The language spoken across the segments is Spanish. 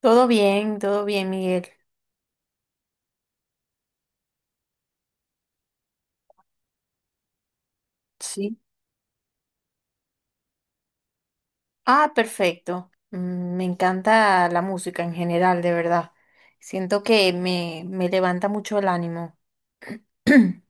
Todo bien, Miguel. Sí. Ah, perfecto. Me encanta la música en general, de verdad. Siento que me levanta mucho el ánimo.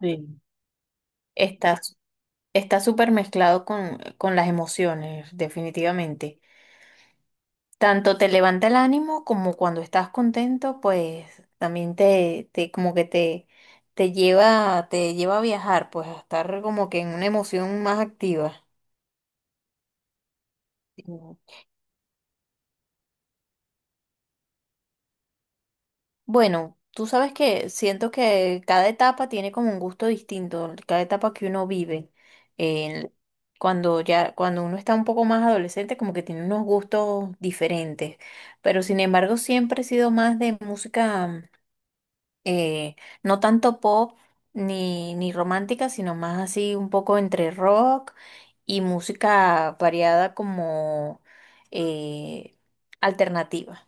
Sí. Está, está súper mezclado con las emociones, definitivamente. Tanto te levanta el ánimo como cuando estás contento, pues también te como que te lleva a viajar, pues a estar como que en una emoción más activa. Bueno, tú sabes que siento que cada etapa tiene como un gusto distinto, cada etapa que uno vive. El- cuando uno está un poco más adolescente, como que tiene unos gustos diferentes. Pero sin embargo, siempre he sido más de música, eh, no tanto pop ni romántica, sino más así un poco entre rock y música variada como eh, alternativa.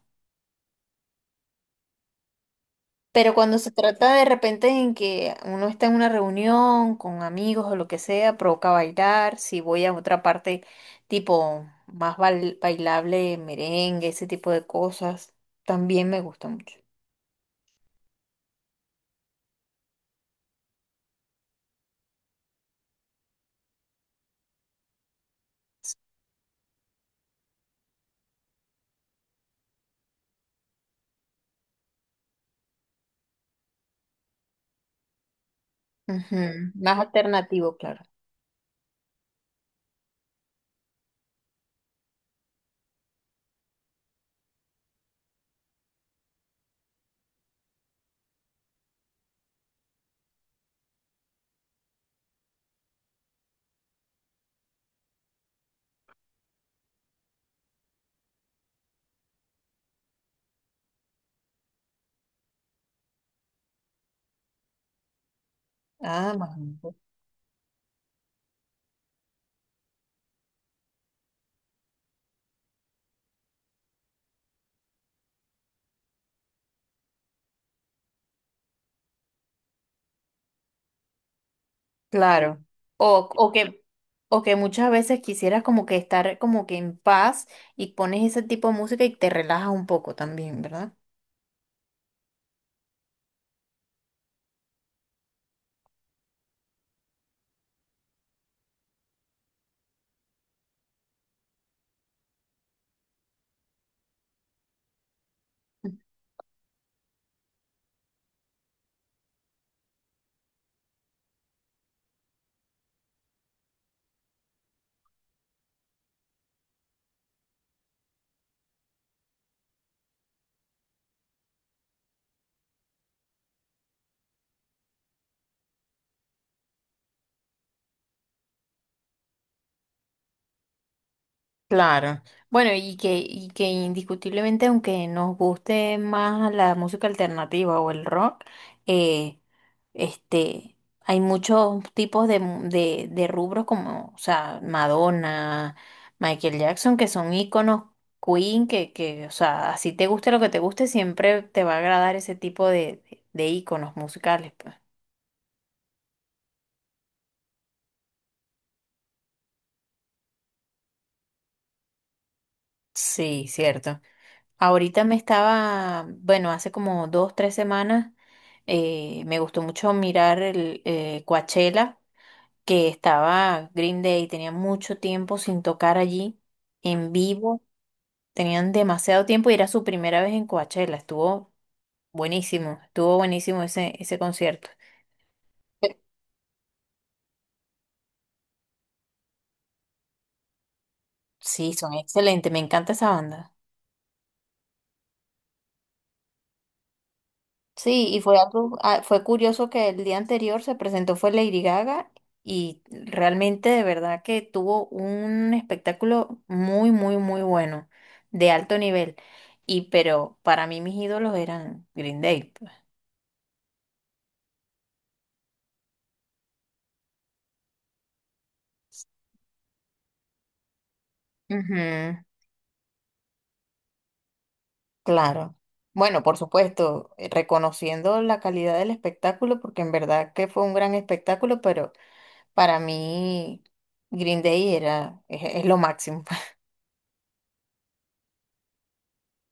Pero cuando se trata de repente en que uno está en una reunión con amigos o lo que sea, provoca bailar. Si voy a otra parte tipo más bailable, merengue, ese tipo de cosas, también me gusta mucho. Ujú. Más alternativo, claro. Ah, más bonito. Claro. O que muchas veces quisieras como que estar como que en paz y pones ese tipo de música y te relajas un poco también, ¿verdad? Claro. Bueno, y que indiscutiblemente, aunque nos guste más la música alternativa o el rock, eh, hay muchos tipos de rubros como, o sea, Madonna, Michael Jackson, que son íconos, Queen, que, o sea, así te guste lo que te guste, siempre te va a agradar ese tipo de íconos musicales, pues. Sí, cierto. Ahorita bueno, hace como dos, tres semanas, me gustó mucho mirar el Coachella, que estaba Green Day, tenía mucho tiempo sin tocar allí en vivo, tenían demasiado tiempo y era su primera vez en Coachella, estuvo buenísimo ese concierto. Sí, son excelentes, me encanta esa banda. Sí, y fue algo, ah, fue curioso que el día anterior se presentó fue Lady Gaga y realmente de verdad que tuvo un espectáculo muy, muy, muy bueno, de alto nivel. Y pero para mí mis ídolos eran Green Day, pues. Ujú, claro. Bueno, por supuesto, reconociendo la calidad del espectáculo, porque en verdad que fue un gran espectáculo, pero para mí Green Day era, es lo máximo.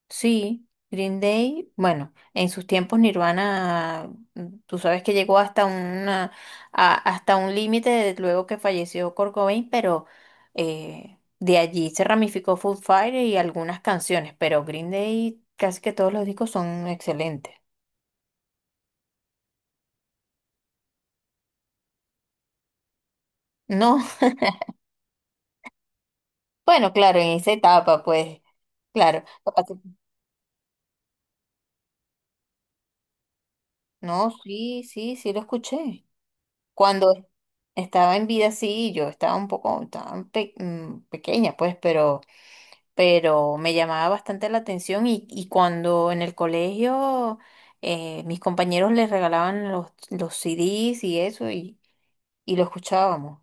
Sí, Green Day, bueno, en sus tiempos Nirvana, tú sabes que llegó hasta un límite luego que falleció Kurt Cobain, pero de allí se ramificó Foo Fighters y algunas canciones, pero Green Day casi que todos los discos son excelentes. No, bueno, claro, en esa etapa, pues, claro. No, sí, sí, sí lo escuché. Cuando estaba en vida, sí, yo estaba un poco, pequeña, pues, pero me llamaba bastante la atención y cuando en el colegio mis compañeros les regalaban los CDs y eso y lo escuchábamos.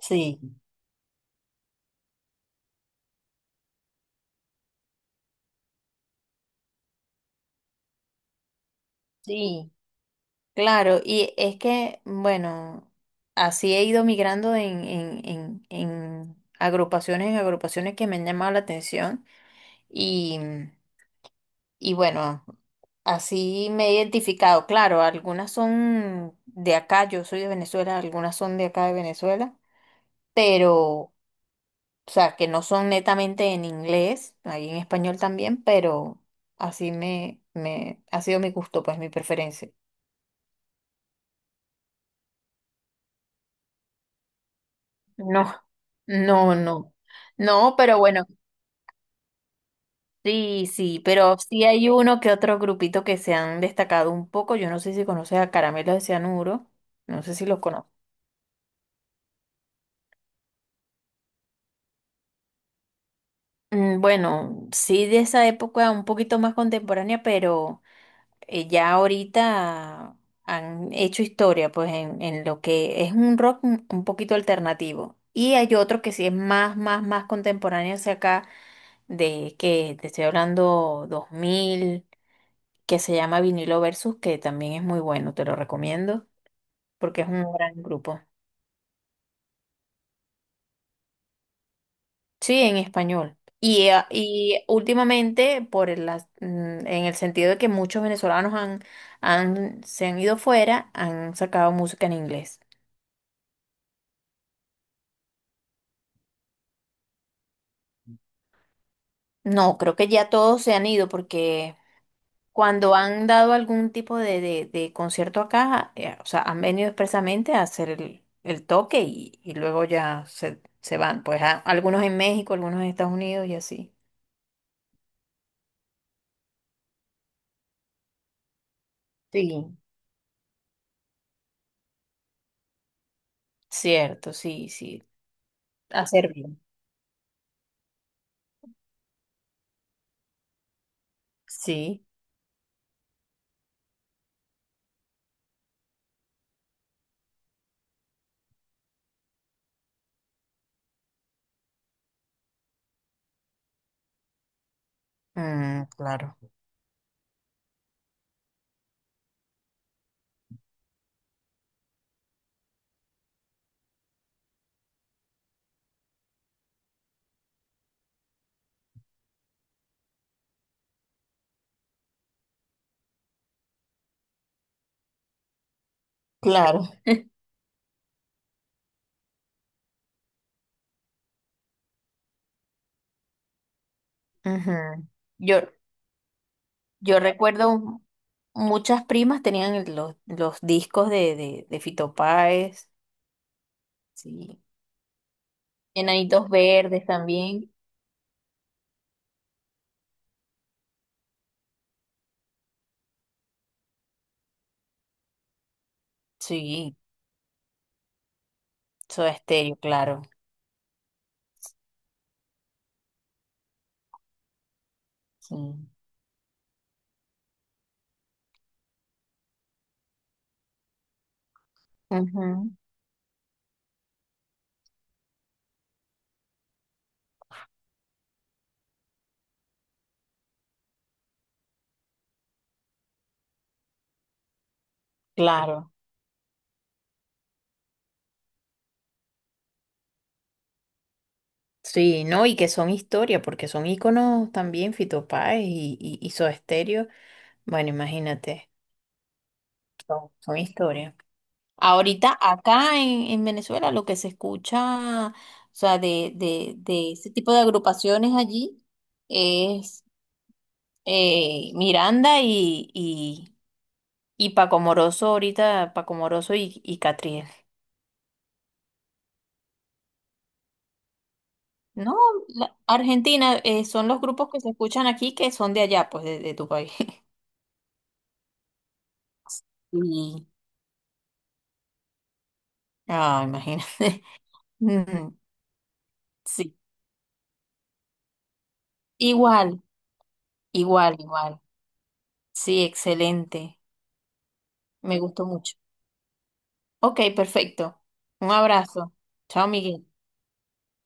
Sí, sí, claro, y es que, bueno, así he ido migrando en agrupaciones que me han llamado la atención y, y bueno, así me he identificado, claro, algunas son de acá, yo soy de Venezuela, algunas son de acá de Venezuela pero, o sea, que no son netamente en inglés, hay en español también, pero así me ha sido mi gusto, pues mi preferencia. No, no, no. No, pero bueno, sí, sí, pero sí hay uno que otro grupito que se han destacado un poco. Yo no sé si conoces a Caramelos de Cianuro, no sé si los conoces. Bueno, sí de esa época un poquito más contemporánea, pero ya ahorita han hecho historia, pues en lo que es un rock un poquito alternativo. Y hay otro que sí es más, más, más contemporáneo hacia acá, de que te estoy hablando 2000 que se llama Vinilo Versus, que también es muy bueno, te lo recomiendo, porque es un gran grupo. Sí, en español. Y últimamente, por el, as- mm, en el sentido de que muchos venezolanos se han ido fuera, han sacado música en inglés. No, creo que ya todos se han ido porque cuando han dado algún tipo de concierto acá, o sea, han venido expresamente a hacer el toque y luego ya se van. Pues algunos en México, algunos en Estados Unidos y así. Sí. Cierto, sí, sí. Hacer bien. Sí. Mm, claro. Claro. Ujú. Yo, yo recuerdo muchas primas tenían los discos de Fito Páez. Sí. Enanitos Verdes también. Sí, Soda Estéreo, claro. Sí, ujú, claro. Sí, no, y que son historia, porque son íconos también, Fito Páez y Soda Stereo. Bueno, imagínate, son historia. Ahorita acá en Venezuela lo que se escucha, o sea, de ese tipo de agrupaciones allí es Miranda y Paco Moroso ahorita, Paco Moroso y Catriel. No, Argentina, son los grupos que se escuchan aquí que son de allá, pues de tu país. Y, ah, imagínate. Mm, Sí, igual, igual, igual. Sí, excelente. Me gustó mucho. Ok, perfecto. Un abrazo. Chao, Miguel.